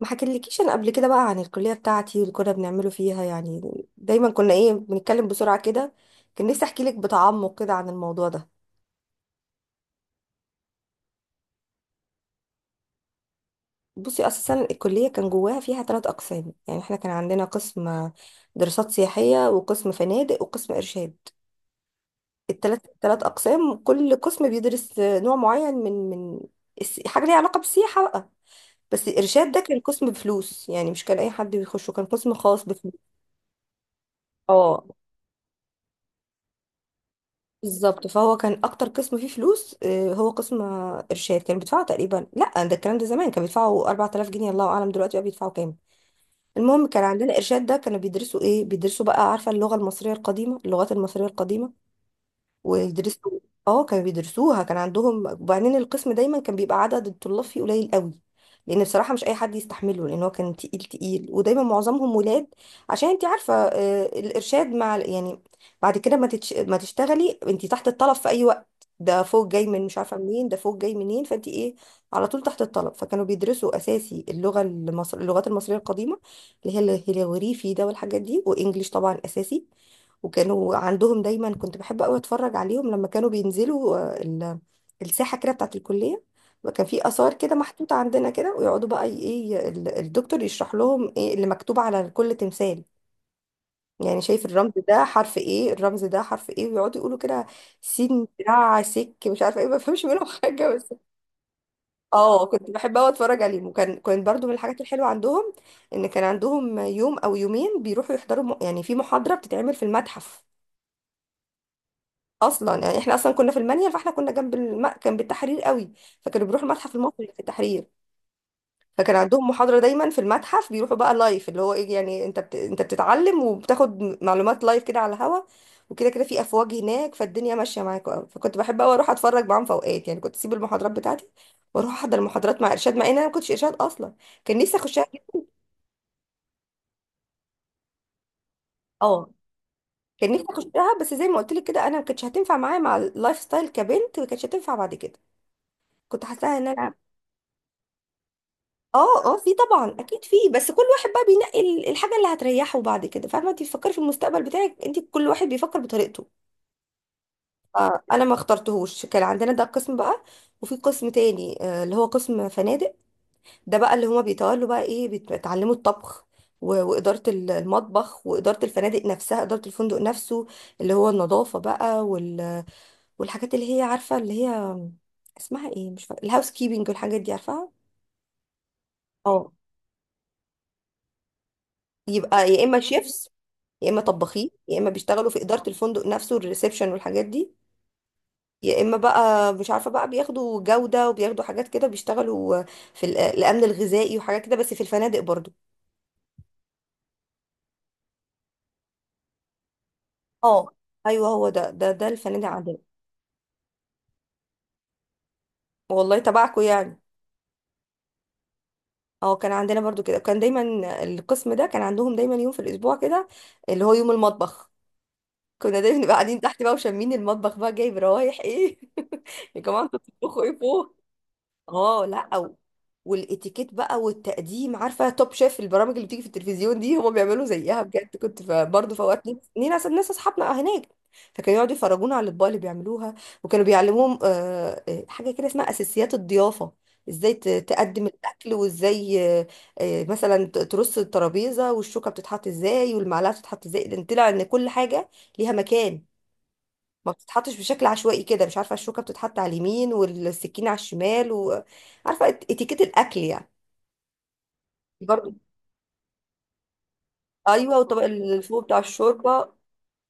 ما حكيتلكيش انا قبل كده بقى عن الكليه بتاعتي واللي كنا بنعمله فيها يعني. دايما كنا ايه بنتكلم بسرعه كده. كان نفسي احكي لك بتعمق كده عن الموضوع ده. بصي اساسا الكليه كان جواها فيها ثلاث اقسام، يعني احنا كان عندنا قسم دراسات سياحيه وقسم فنادق وقسم ارشاد. الثلاث اقسام، كل قسم بيدرس نوع معين من حاجه ليها علاقه بالسياحه بقى. بس الارشاد ده كان قسم بفلوس، يعني مش كان اي حد بيخشه، كان قسم خاص بفلوس. اه بالظبط، فهو كان اكتر قسم فيه فلوس. هو قسم ارشاد كان بيدفعوا تقريبا، لا ده الكلام ده زمان كان بيدفعوا 4000 جنيه، الله اعلم دلوقتي بقى بيدفعوا كام. المهم كان عندنا ارشاد ده، كانوا بيدرسوا ايه؟ بيدرسوا بقى، عارفه، اللغه المصريه القديمه، اللغات المصريه القديمه ويدرسوا. اه كانوا بيدرسوها، كان عندهم. وبعدين القسم دايما كان بيبقى عدد الطلاب فيه قليل قوي، لان بصراحه مش اي حد يستحمله، لان هو كان تقيل تقيل، ودايما معظمهم ولاد عشان انت عارفه الارشاد مع يعني بعد كده ما تشتغلي انت تحت الطلب في اي وقت. ده فوق جاي من مش عارفه منين، ده فوق جاي منين، فانت ايه، على طول تحت الطلب. فكانوا بيدرسوا اساسي اللغات المصريه القديمه، اللي هي الهيروغليفي ده والحاجات دي، وانجليش طبعا اساسي. وكانوا عندهم دايما، كنت بحب قوي اتفرج عليهم لما كانوا بينزلوا الساحه كده بتاعت الكليه، وكان في اثار كده محطوطه عندنا كده، ويقعدوا بقى الدكتور يشرح لهم ايه اللي مكتوب على كل تمثال. يعني شايف الرمز ده حرف ايه، الرمز ده حرف ايه، ويقعدوا يقولوا كده سين دراع سك مش عارفه ايه، ما بفهمش منهم حاجه بس. اه كنت بحب قوي اتفرج عليهم. وكان برضو من الحاجات الحلوه عندهم ان كان عندهم يوم او يومين بيروحوا يحضروا يعني في محاضره بتتعمل في المتحف. اصلا يعني احنا اصلا كنا في المنيل، فاحنا كنا جنب كان بالتحرير قوي. فكانوا بيروحوا المتحف المصري في التحرير. فكان عندهم محاضره دايما في المتحف، بيروحوا بقى لايف، اللي هو ايه يعني، انت انت بتتعلم وبتاخد معلومات لايف كده على الهوا. وكده كده في افواج هناك، فالدنيا ماشيه معاك قوي، فكنت بحب قوي اروح اتفرج معاهم في اوقات. يعني كنت اسيب المحاضرات بتاعتي واروح احضر المحاضرات مع ارشاد، مع ان انا ما كنتش ارشاد اصلا. كان نفسي اخشها جدا. اه كان نفسي اخشها، بس زي ما قلت لك كده، انا ما كانتش هتنفع معايا مع اللايف ستايل كبنت، ما كانتش هتنفع بعد كده. كنت حاساها ان انا. اه. في طبعا اكيد في، بس كل واحد بقى بينقي الحاجه اللي هتريحه بعد كده. فاهمه؟ انت بتفكري في المستقبل بتاعك، انت كل واحد بيفكر بطريقته. انا ما اخترتهوش، كان عندنا ده قسم بقى، وفي قسم تاني اللي هو قسم فنادق. ده بقى اللي هما بيتولوا بقى ايه، بيتعلموا الطبخ وإدارة المطبخ، وإدارة الفنادق نفسها، إدارة الفندق نفسه، اللي هو النظافة بقى والحاجات اللي هي، عارفة، اللي هي اسمها ايه، مش فاكرة، الهاوس كيبنج والحاجات دي، عارفاها. اه يبقى يا إما شيفس، يا اما طباخين، يا اما بيشتغلوا في اداره الفندق نفسه، الريسبشن والحاجات دي. يا اما بقى مش عارفه بقى، بياخدوا جوده وبياخدوا حاجات كده، بيشتغلوا في الامن الغذائي وحاجات كده، بس في الفنادق برضو. اه ايوه هو ده الفنادق عندنا. والله تبعكم يعني. اه كان عندنا برضو كده، كان دايما القسم ده كان عندهم دايما يوم في الاسبوع كده، اللي هو يوم المطبخ. كنا دايما نبقى قاعدين تحت بقى وشامين المطبخ بقى، جايب روايح ايه يا جماعه انتوا بتطبخوا ايه فوق؟ اه لا. أو والاتيكيت بقى والتقديم، عارفه توب شيف، البرامج اللي بتيجي في التلفزيون دي، هما بيعملوا زيها بجد. كنت برضه في اوقات لينا ناس، اصحابنا هناك، فكانوا يقعدوا يفرجونا على الاطباق اللي بيعملوها. وكانوا بيعلموهم حاجه كده اسمها اساسيات الضيافه. ازاي تقدم الاكل، وازاي مثلا ترص الترابيزه، والشوكه بتتحط ازاي، والمعلقه بتتحط ازاي، لان طلع ان كل حاجه ليها مكان، ما بتتحطش بشكل عشوائي كده. مش عارفه، الشوكه بتتحط على اليمين والسكينه على الشمال، وعارفه اتيكيت الاكل يعني. برضو ايوه، وطبق الفوق بتاع الشوربه.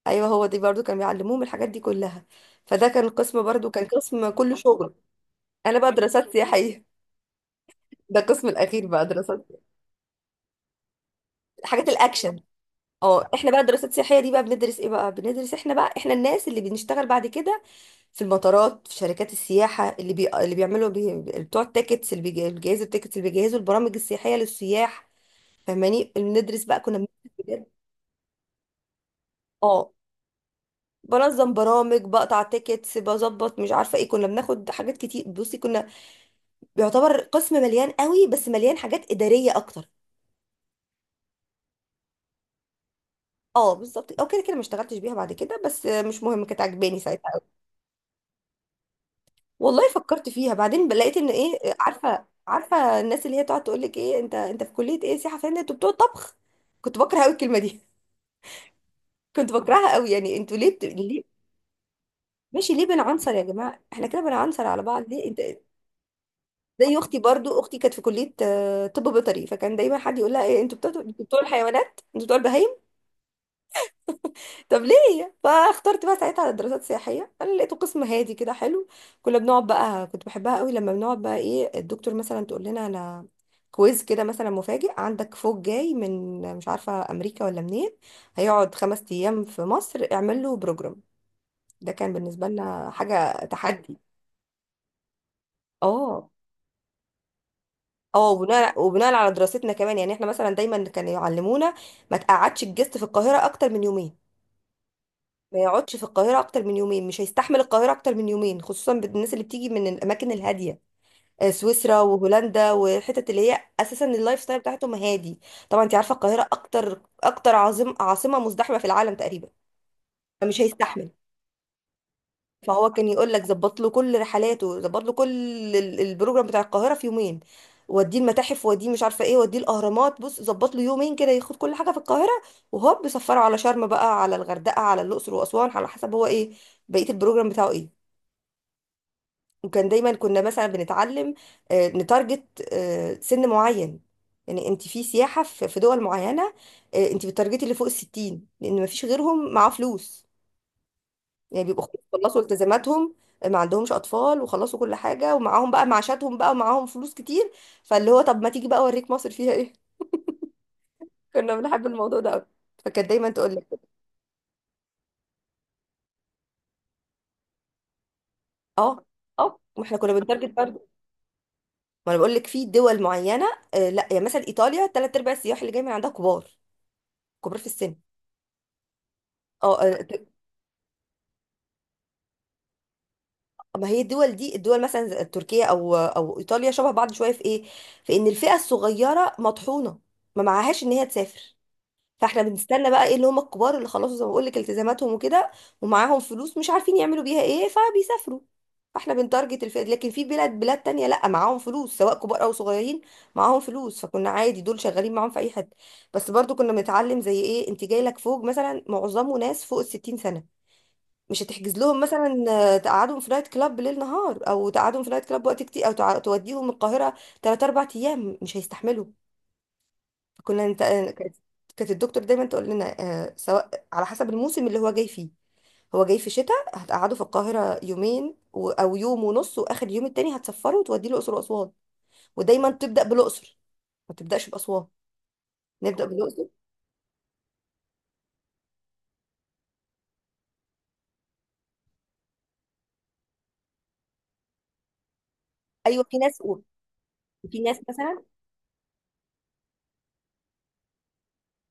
ايوه هو دي، برضو كانوا بيعلموهم الحاجات دي كلها. فده كان قسم برضو، كان قسم كله شغل. انا بقى دراسات سياحيه، ده القسم الاخير بقى، دراسات. حاجات الاكشن. اه احنا بقى دراسات سياحيه دي بقى بندرس ايه، بقى بندرس، احنا بقى احنا الناس اللي بنشتغل بعد كده في المطارات، في شركات السياحة، اللي اللي بتوع التيكتس، اللي الجهاز التيكتس، اللي بيجهزوا البرامج السياحية للسياح. فاهماني؟ بندرس بقى، كنا بندرس بجد. اه بنظم برامج، بقطع تيكتس بظبط، مش عارفة ايه، كنا بناخد حاجات كتير. بصي كنا بيعتبر قسم مليان قوي، بس مليان حاجات إدارية اكتر. اه بالظبط، او كده كده ما اشتغلتش بيها بعد كده، بس مش مهم، كانت عجباني ساعتها. والله فكرت فيها بعدين لقيت ان ايه، عارفه، الناس اللي هي تقعد تقول لك ايه، انت انت في كليه ايه؟ سياحه فنيه، انتوا بتوع طبخ. كنت بكره قوي الكلمه دي. كنت بكرهها قوي، يعني انتوا ليه. ماشي ليه بنعنصر يا جماعه، احنا كده بنعنصر على بعض ليه؟ انت زي اختي برضو، اختي كانت في كليه طب بيطري، فكان دايما حد يقول لها ايه، انتوا بتوع الحيوانات، انتوا بتوع البهايم. طب ليه؟ فاخترت بقى ساعتها على دراسات سياحيه، انا لقيته قسم هادي كده حلو. كنا بنقعد بقى، كنت بحبها قوي لما بنقعد بقى ايه، الدكتور مثلا تقول لنا، انا كويز كده مثلا مفاجئ عندك، فوق جاي من مش عارفه امريكا ولا منين، هيقعد خمس ايام في مصر، اعمل له بروجرام. ده كان بالنسبه لنا حاجه تحدي. اه. اه وبناء على دراستنا كمان. يعني احنا مثلا دايما كانوا يعلمونا ما تقعدش الجست في القاهره اكتر من يومين، ما يقعدش في القاهرة أكتر من يومين، مش هيستحمل القاهرة أكتر من يومين، خصوصا بالناس اللي بتيجي من الأماكن الهادية، سويسرا وهولندا والحتت اللي هي أساسا اللايف ستايل بتاعتهم هادي. طبعا أنت عارفة القاهرة أكتر، عاصمة مزدحمة في العالم تقريبا. فمش هيستحمل. فهو كان يقول لك ظبط له كل رحلاته، ظبط له كل البروجرام بتاع القاهره في يومين، وديه المتاحف، وديه مش عارفه ايه، وديه الاهرامات. بص ظبط له يومين كده ياخد كل حاجه في القاهره، وهوب بيسفره على شرم بقى، على الغردقه، على الاقصر واسوان، على حسب هو ايه بقيه البروجرام بتاعه ايه. وكان دايما كنا مثلا بنتعلم نتارجت سن معين. يعني انت في سياحه في دول معينه، انت بتارجتي اللي فوق الستين، لان مفيش غيرهم معاه فلوس. يعني بيبقوا خلاص، خلصوا التزاماتهم، ما عندهمش اطفال وخلصوا كل حاجه، ومعاهم بقى معاشاتهم بقى، ومعاهم فلوس كتير. فاللي هو طب ما تيجي بقى اوريك مصر فيها ايه. كنا بنحب الموضوع ده قوي. فكانت دايما تقول لك. اه اه واحنا كنا بنتارجت برضه. ما انا بقول لك في دول معينه. آه لا يعني مثلا ايطاليا ثلاث ارباع السياح اللي جاي من عندها كبار، كبار في السن. اه ما هي الدول دي، الدول مثلا زي تركيا او ايطاليا، شبه بعض شويه في ايه، في ان الفئه الصغيره مطحونه، ما معهاش ان هي تسافر. فاحنا بنستنى بقى ايه، اللي هم الكبار اللي خلصوا زي ما بقول لك التزاماتهم وكده، ومعاهم فلوس مش عارفين يعملوا بيها ايه، فبيسافروا. فاحنا بنتارجت الفئة دي. لكن في بلاد تانية، لا معاهم فلوس سواء كبار او صغيرين، معاهم فلوس، فكنا عادي دول شغالين معاهم في اي حد. بس برضو كنا بنتعلم زي ايه، انت جاي لك فوق مثلا معظمه ناس فوق الستين سنة، مش هتحجز لهم مثلا تقعدهم في نايت كلاب بالليل نهار، او تقعدهم في نايت كلاب وقت كتير، او توديهم القاهرة 3 4 ايام مش هيستحملوا. كنا انت كانت الدكتور دايما تقول لنا سواء على حسب الموسم اللي هو جاي فيه. هو جاي في شتاء، هتقعده في القاهرة يومين او يوم ونص، واخر يوم التاني هتسفره وتوديه الاقصر واسوان. ودايما تبدا بالاقصر، ما تبداش باسوان، نبدا بالاقصر. ايوه في ناس وفي ناس مثلا.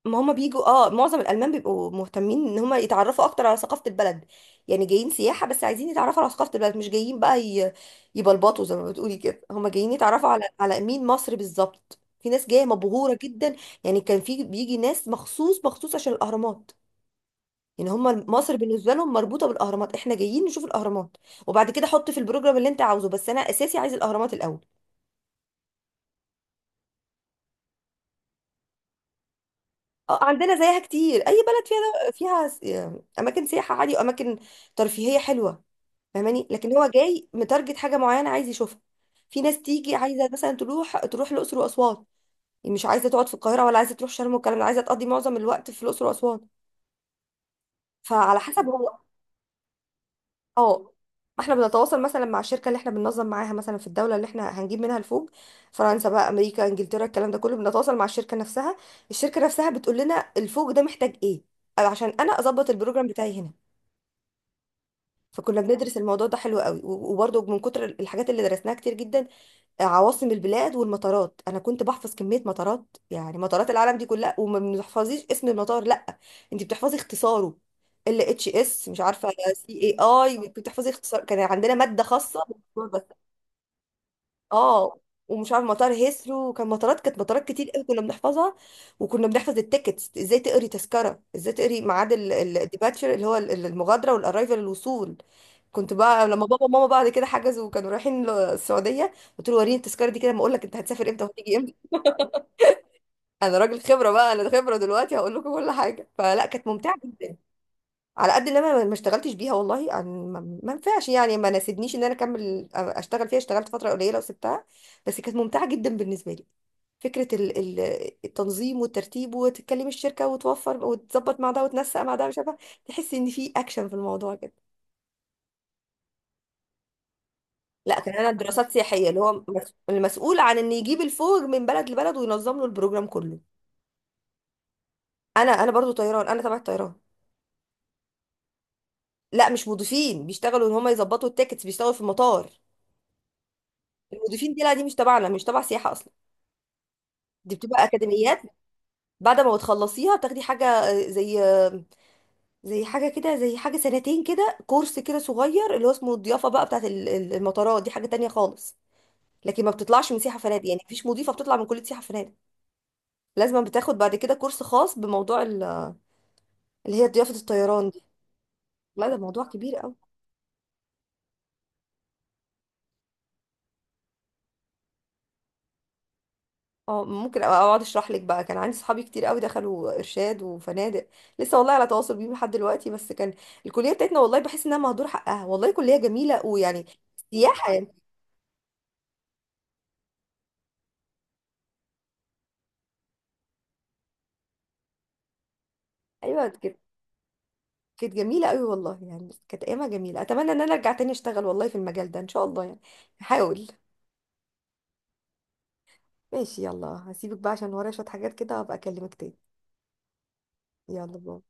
ما هما بيجوا اه، معظم الالمان بيبقوا مهتمين ان هما يتعرفوا اكتر على ثقافه البلد. يعني جايين سياحه بس عايزين يتعرفوا على ثقافه البلد، مش جايين بقى يبلبطوا زي ما بتقولي كده، هما جايين يتعرفوا على مين مصر بالظبط. في ناس جايه مبهوره جدا، يعني كان في بيجي ناس مخصوص مخصوص عشان الاهرامات. يعني هما مصر بالنسبه لهم مربوطه بالاهرامات، احنا جايين نشوف الاهرامات وبعد كده حط في البروجرام اللي انت عاوزه، بس انا اساسي عايز الاهرامات الاول. اه عندنا زيها كتير، اي بلد فيها اماكن سياحه عادي واماكن ترفيهيه حلوه. فاهماني؟ لكن هو جاي متارجت حاجه معينه عايز يشوفها. في ناس تيجي عايزه مثلا تروح الاقصر واسوان، يعني مش عايزه تقعد في القاهره ولا عايزه تروح شرم والكلام ده، عايزه تقضي معظم الوقت في الاقصر واسوان. فعلى حسب هو. اه احنا بنتواصل مثلا مع الشركه اللي احنا بننظم معاها، مثلا في الدوله اللي احنا هنجيب منها الفوج، فرنسا بقى، امريكا، انجلترا، الكلام ده كله، بنتواصل مع الشركه نفسها، الشركه نفسها بتقول لنا الفوج ده محتاج ايه، أو عشان انا اظبط البروجرام بتاعي هنا. فكنا بندرس الموضوع ده حلو قوي. وبرضه من كتر الحاجات اللي درسناها كتير جدا، عواصم البلاد والمطارات. انا كنت بحفظ كميه مطارات، يعني مطارات العالم دي كلها. وما بتحفظيش اسم المطار، لا انت بتحفظي اختصاره. ال اتش اس، مش عارفه، سي اي اي، بتحفظي اختصار. كان عندنا ماده خاصه بالموضوع ده. اه ومش عارف مطار هيثرو، وكان مطارات، مطارات كتير قوي كنا بنحفظها. وكنا بنحفظ التيكتس ازاي، تقري تذكره ازاي، تقري ميعاد الديباتشر اللي هو المغادره، والارايفل الوصول. كنت بقى لما بابا وماما بعد كده حجزوا وكانوا رايحين السعوديه، قلت له وريني التذكره دي كده ما اقول لك انت هتسافر امتى وهتيجي امتى. انا راجل خبره بقى، انا خبره دلوقتي هقول لكم كل حاجه. فلا كانت ممتعه جدا، على قد ان انا ما اشتغلتش بيها والله. ما ينفعش يعني، ما ناسبنيش ان انا اكمل اشتغل فيها. اشتغلت فتره قليله وسبتها، بس كانت ممتعه جدا بالنسبه لي. فكره التنظيم والترتيب، وتتكلم الشركه وتوفر وتظبط مع ده وتنسق مع ده، مش عارفه، تحس ان في اكشن في الموضوع كده. لا كان انا دراسات سياحيه، اللي هو المسؤول عن ان يجيب الفوج من بلد لبلد وينظم له البروجرام كله. انا برضو طيران، انا تبع الطيران. لا مش مضيفين، بيشتغلوا ان هم يظبطوا التيكتس، بيشتغلوا في المطار. المضيفين دي لا، دي مش تبعنا، مش تبع سياحه اصلا، دي بتبقى اكاديميات. بعد ما بتخلصيها بتاخدي حاجه زي حاجه كده، زي حاجه سنتين كده، كورس كده صغير، اللي هو اسمه الضيافه بقى بتاعت المطارات، دي حاجه تانية خالص. لكن ما بتطلعش من سياحه فنادق، يعني مفيش مضيفه بتطلع من كليه سياحه فنادق، لازم بتاخد بعد كده كورس خاص بموضوع اللي هي ضيافه الطيران دي. لا ده موضوع كبير قوي. اه ممكن أبقى اقعد اشرح لك بقى. كان عندي صحابي كتير قوي دخلوا ارشاد وفنادق، لسه والله على تواصل بيهم لحد دلوقتي. بس كان الكليه بتاعتنا والله بحس انها مهدور حقها، والله كليه جميله ويعني سياحه يعني. ايوه كانت، كانت جميله قوي والله، يعني كانت ايامها جميله. اتمنى ان انا ارجع تاني اشتغل والله في المجال ده ان شاء الله يعني، هحاول. ماشي يلا، هسيبك بقى عشان ورايا شويه حاجات كده، وابقى اكلمك تاني. يلا باي.